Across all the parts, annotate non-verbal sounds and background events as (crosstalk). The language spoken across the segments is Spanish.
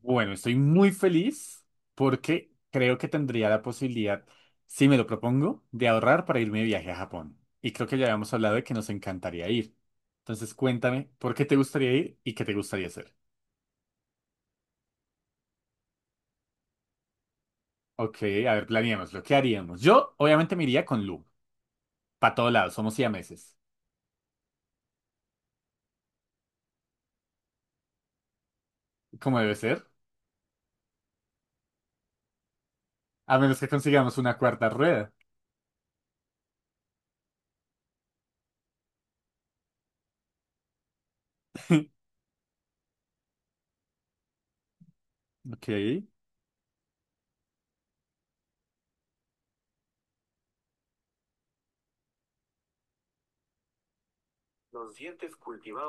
Bueno, estoy muy feliz porque creo que tendría la posibilidad, si me lo propongo, de ahorrar para irme de viaje a Japón. Y creo que ya habíamos hablado de que nos encantaría ir. Entonces, cuéntame, ¿por qué te gustaría ir y qué te gustaría hacer? Ok, a ver, ¿planeemos lo que haríamos? Yo, obviamente, me iría con Lu. Para todos lados, somos siameses. Como debe ser. A menos que consigamos una cuarta rueda. (laughs) Ok,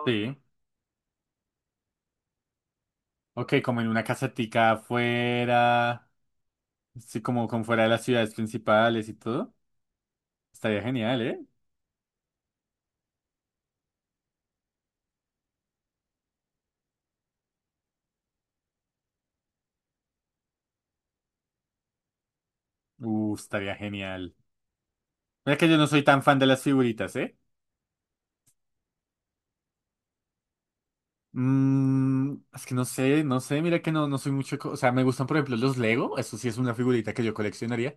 sí. Ok, como en una casetica afuera. Sí, como, como fuera de las ciudades principales y todo. Estaría genial, ¿eh? Estaría genial. Mira que yo no soy tan fan de las figuritas, ¿eh? Es que no sé, no sé, mira que no, no soy mucho, o sea, me gustan por ejemplo los Lego, eso sí es una figurita que yo coleccionaría,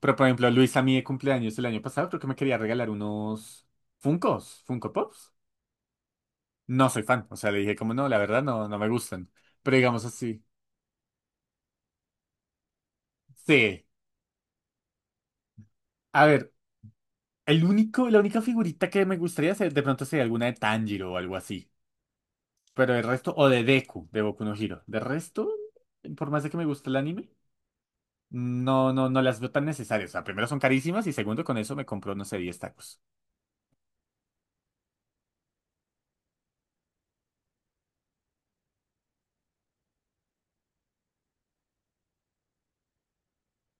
pero por ejemplo Luis a mí de cumpleaños el año pasado creo que me quería regalar unos Funkos, Funko Pops, no soy fan, o sea, le dije como no, la verdad no, no me gustan, pero digamos así, sí, a ver, el único, la única figurita que me gustaría ser, de pronto sería alguna de Tanjiro o algo así. Pero el resto, o de Deku, de Boku no Hero. De resto, por más de que me guste el anime, no, no, no las veo tan necesarias. O sea, primero son carísimas y segundo, con eso me compro, no sé, diez tacos.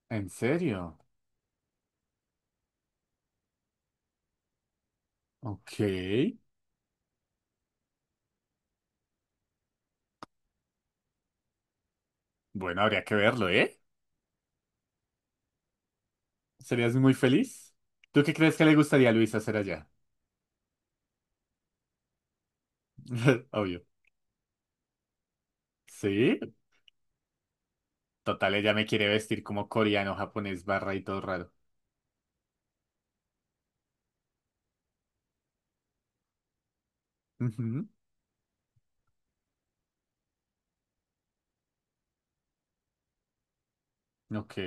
¿En serio? Ok. Bueno, habría que verlo, ¿eh? ¿Serías muy feliz? ¿Tú qué crees que le gustaría a Luis hacer allá? (laughs) Obvio. ¿Sí? Total, ella me quiere vestir como coreano, japonés, barra y todo raro. Ujú, ok.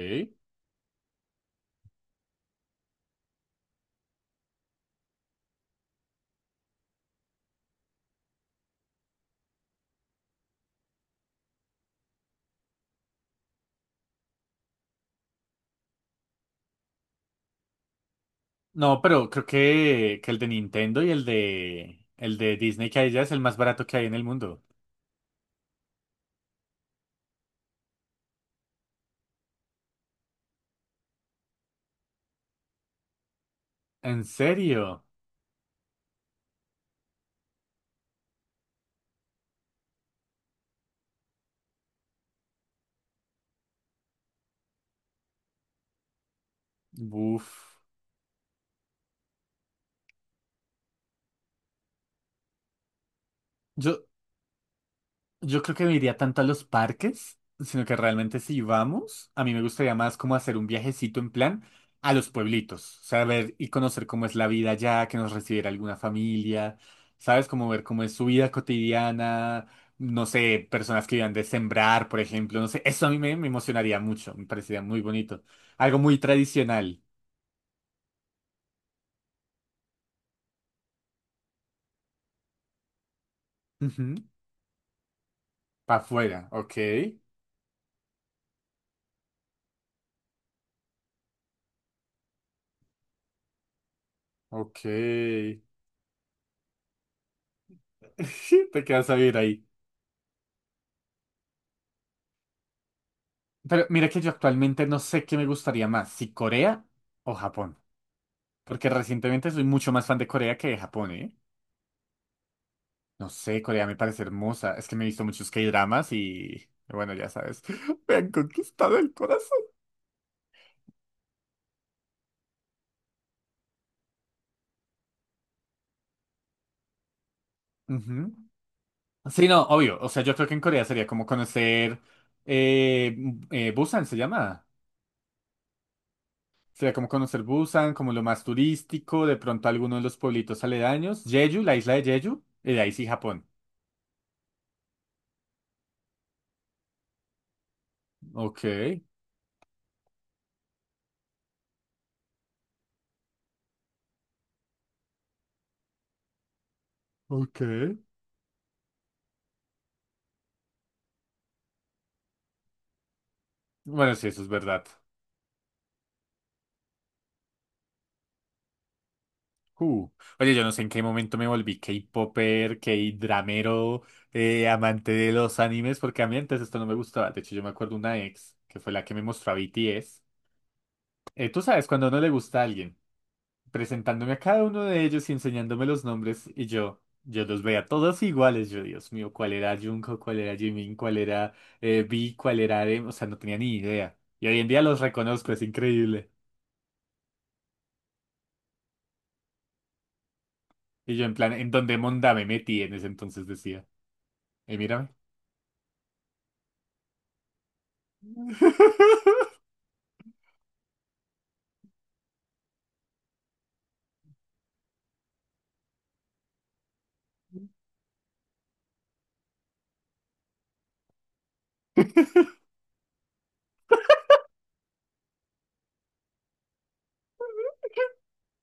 No, pero creo que, el de Nintendo y el de Disney que hay ya es el más barato que hay en el mundo. ¿En serio? Uf. Yo, Yo creo que no iría tanto a los parques, sino que realmente si vamos, a mí me gustaría más como hacer un viajecito en plan a los pueblitos, o sea, ver y conocer cómo es la vida allá, que nos recibiera alguna familia, ¿sabes? Como ver cómo es su vida cotidiana, no sé, personas que vivan de sembrar, por ejemplo, no sé, eso a mí me emocionaría mucho, me parecería muy bonito, algo muy tradicional. Para afuera, ok, ok. (laughs) Te quedas a vivir ahí. Pero mira que yo actualmente no sé qué me gustaría más, si Corea o Japón. Porque recientemente soy mucho más fan de Corea que de Japón, ¿eh? No sé, Corea me parece hermosa. Es que me he visto muchos K-dramas y... Bueno, ya sabes, (laughs) me han conquistado el corazón. Ujú. Sí, no, obvio. O sea, yo creo que en Corea sería como conocer... Busan se llama. Sería como conocer Busan, como lo más turístico, de pronto alguno de los pueblitos aledaños. Jeju, la isla de Jeju, y de ahí sí Japón. Ok, ok. Bueno, sí, eso es verdad. Uh. Oye, yo no sé en qué momento me volví K-popper, K-dramero, amante de los animes, porque a mí antes esto no me gustaba. De hecho, yo me acuerdo una ex, que fue la que me mostró a BTS. Tú sabes, cuando no le gusta a alguien, presentándome a cada uno de ellos y enseñándome los nombres, y yo los veía todos iguales. Yo, Dios mío, ¿cuál era Jungkook? ¿Cuál era Jimin? ¿Cuál era V? ¿Cuál era RM? O sea, no tenía ni idea. Y hoy en día los reconozco, es increíble. Y yo en plan, ¿en dónde monda me metí en ese entonces decía? Y mírame. (laughs)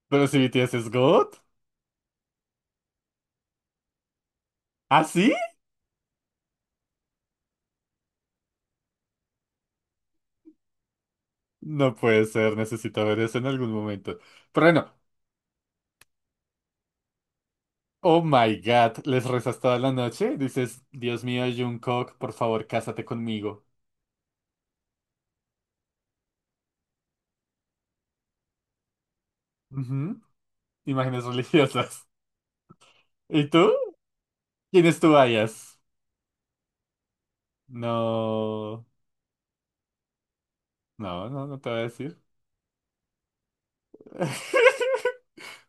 Pero si BTS es God. ¿Ah, sí? No puede ser, necesito ver eso en algún momento. Pero bueno, oh my God, les rezas toda la noche. Dices, Dios mío, Jungkook, por favor, cásate conmigo. Ujú. Imágenes religiosas. (laughs) ¿Y tú? ¿Quién es tu bias? No. No, no, no te voy a decir. (laughs)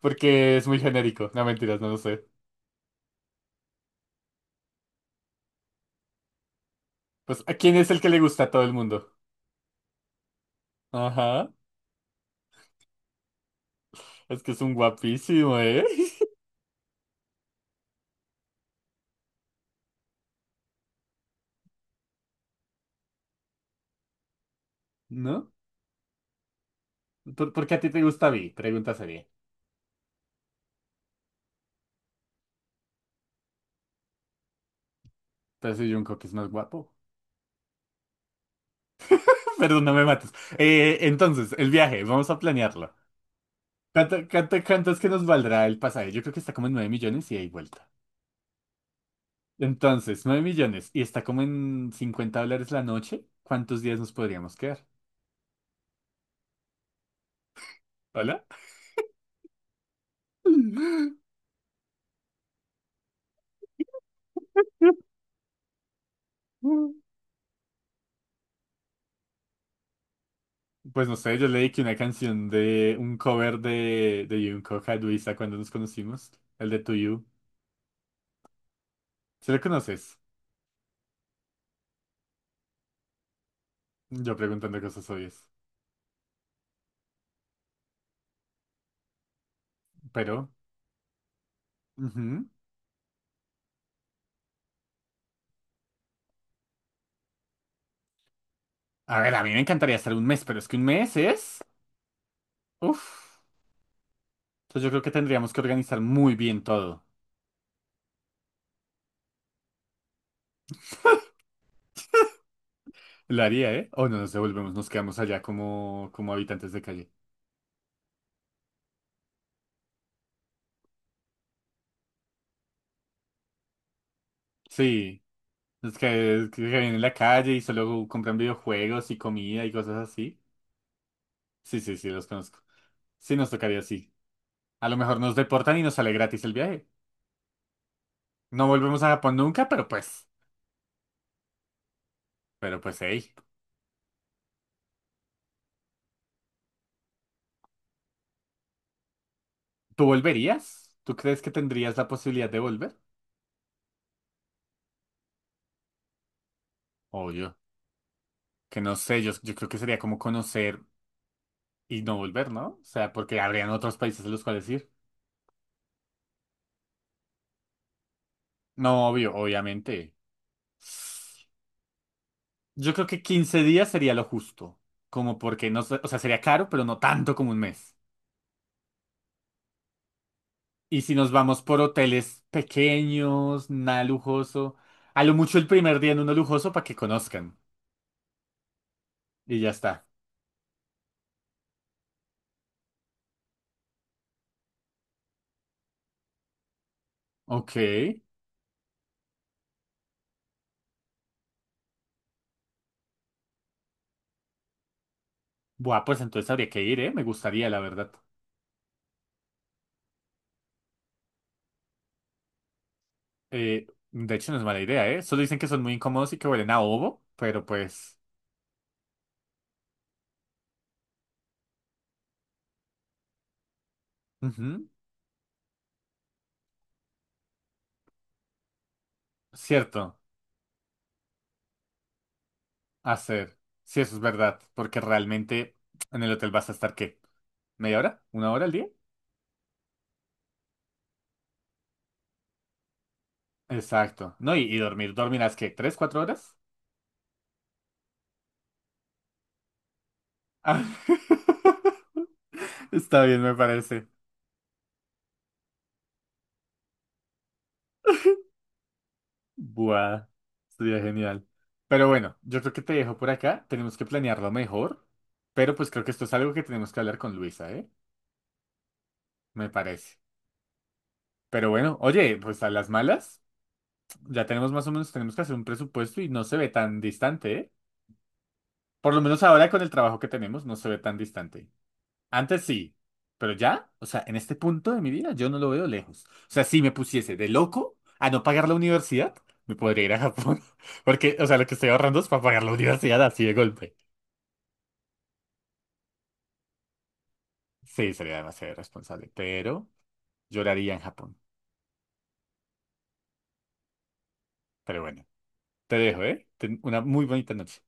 Porque es muy genérico. No, mentiras, no lo sé. Pues, ¿a quién es el que le gusta a todo el mundo? Ajá. Es que es un guapísimo, ¿eh? (laughs) ¿No? ¿Por qué a ti te gusta Vi? Pregunta seria. Pero si Jungkook es más guapo. (laughs) Perdón, no me mates. Entonces, el viaje, vamos a planearlo. ¿Cuánto, cuánto, cuánto es que nos valdrá el pasaje? Yo creo que está como en 9 millones y hay vuelta. Entonces, 9 millones y está como en 50 dólares la noche. ¿Cuántos días nos podríamos quedar? ¿Hola? (laughs) Pues no sé, yo leí que una canción de un cover de Jungkook a Luisa cuando nos conocimos, el de To You. ¿Se lo conoces? Yo preguntando cosas obvias. Pero... ujú. A ver, a mí me encantaría estar un mes, pero es que un mes es... Uf. Entonces yo creo que tendríamos que organizar muy bien todo. Lo haría, ¿eh? O no nos devolvemos, nos quedamos allá como, como habitantes de calle. Sí, es que viven en la calle y solo compran videojuegos y comida y cosas así. Sí, sí, sí, los conozco. Sí, nos tocaría así. A lo mejor nos deportan y nos sale gratis el viaje. No volvemos a Japón nunca, pero pues... Pero pues, hey. ¿Tú volverías? ¿Tú crees que tendrías la posibilidad de volver? Obvio. Que no sé, yo creo que sería como conocer. Y no volver, ¿no? O sea, porque habrían otros países a los cuales ir. No, obvio, obviamente. Yo creo que 15 días sería lo justo. Como porque no, o sea, sería caro, pero no tanto como un mes. Y si nos vamos por hoteles pequeños, nada lujoso, a lo mucho el primer día en uno lujoso para que conozcan. Y ya está. Ok. Buah, pues entonces habría que ir, ¿eh? Me gustaría, la verdad. De hecho, no es mala idea, ¿eh? Solo dicen que son muy incómodos y que huelen a ovo, pero pues... ujú, cierto. Hacer. Sí, eso es verdad, porque realmente en el hotel vas a estar, ¿qué? ¿Media hora? ¿Una hora al día? Exacto. No, y dormir, ¿dormirás qué? ¿3, 4 horas? Ah, (laughs) está bien, me parece. Buah, sería genial. Pero bueno, yo creo que te dejo por acá. Tenemos que planearlo mejor, pero pues creo que esto es algo que tenemos que hablar con Luisa, ¿eh? Me parece. Pero bueno, oye, pues a las malas, ya tenemos más o menos, tenemos que hacer un presupuesto y no se ve tan distante, ¿eh? Por lo menos ahora con el trabajo que tenemos, no se ve tan distante. Antes sí, pero ya, o sea, en este punto de mi vida yo no lo veo lejos. O sea, si me pusiese de loco a no pagar la universidad, me podría ir a Japón. (laughs) Porque, o sea, lo que estoy ahorrando es para pagar la universidad así de golpe. Sí, sería demasiado irresponsable, pero lloraría en Japón. Pero bueno, te dejo, ¿eh? Ten una muy bonita noche.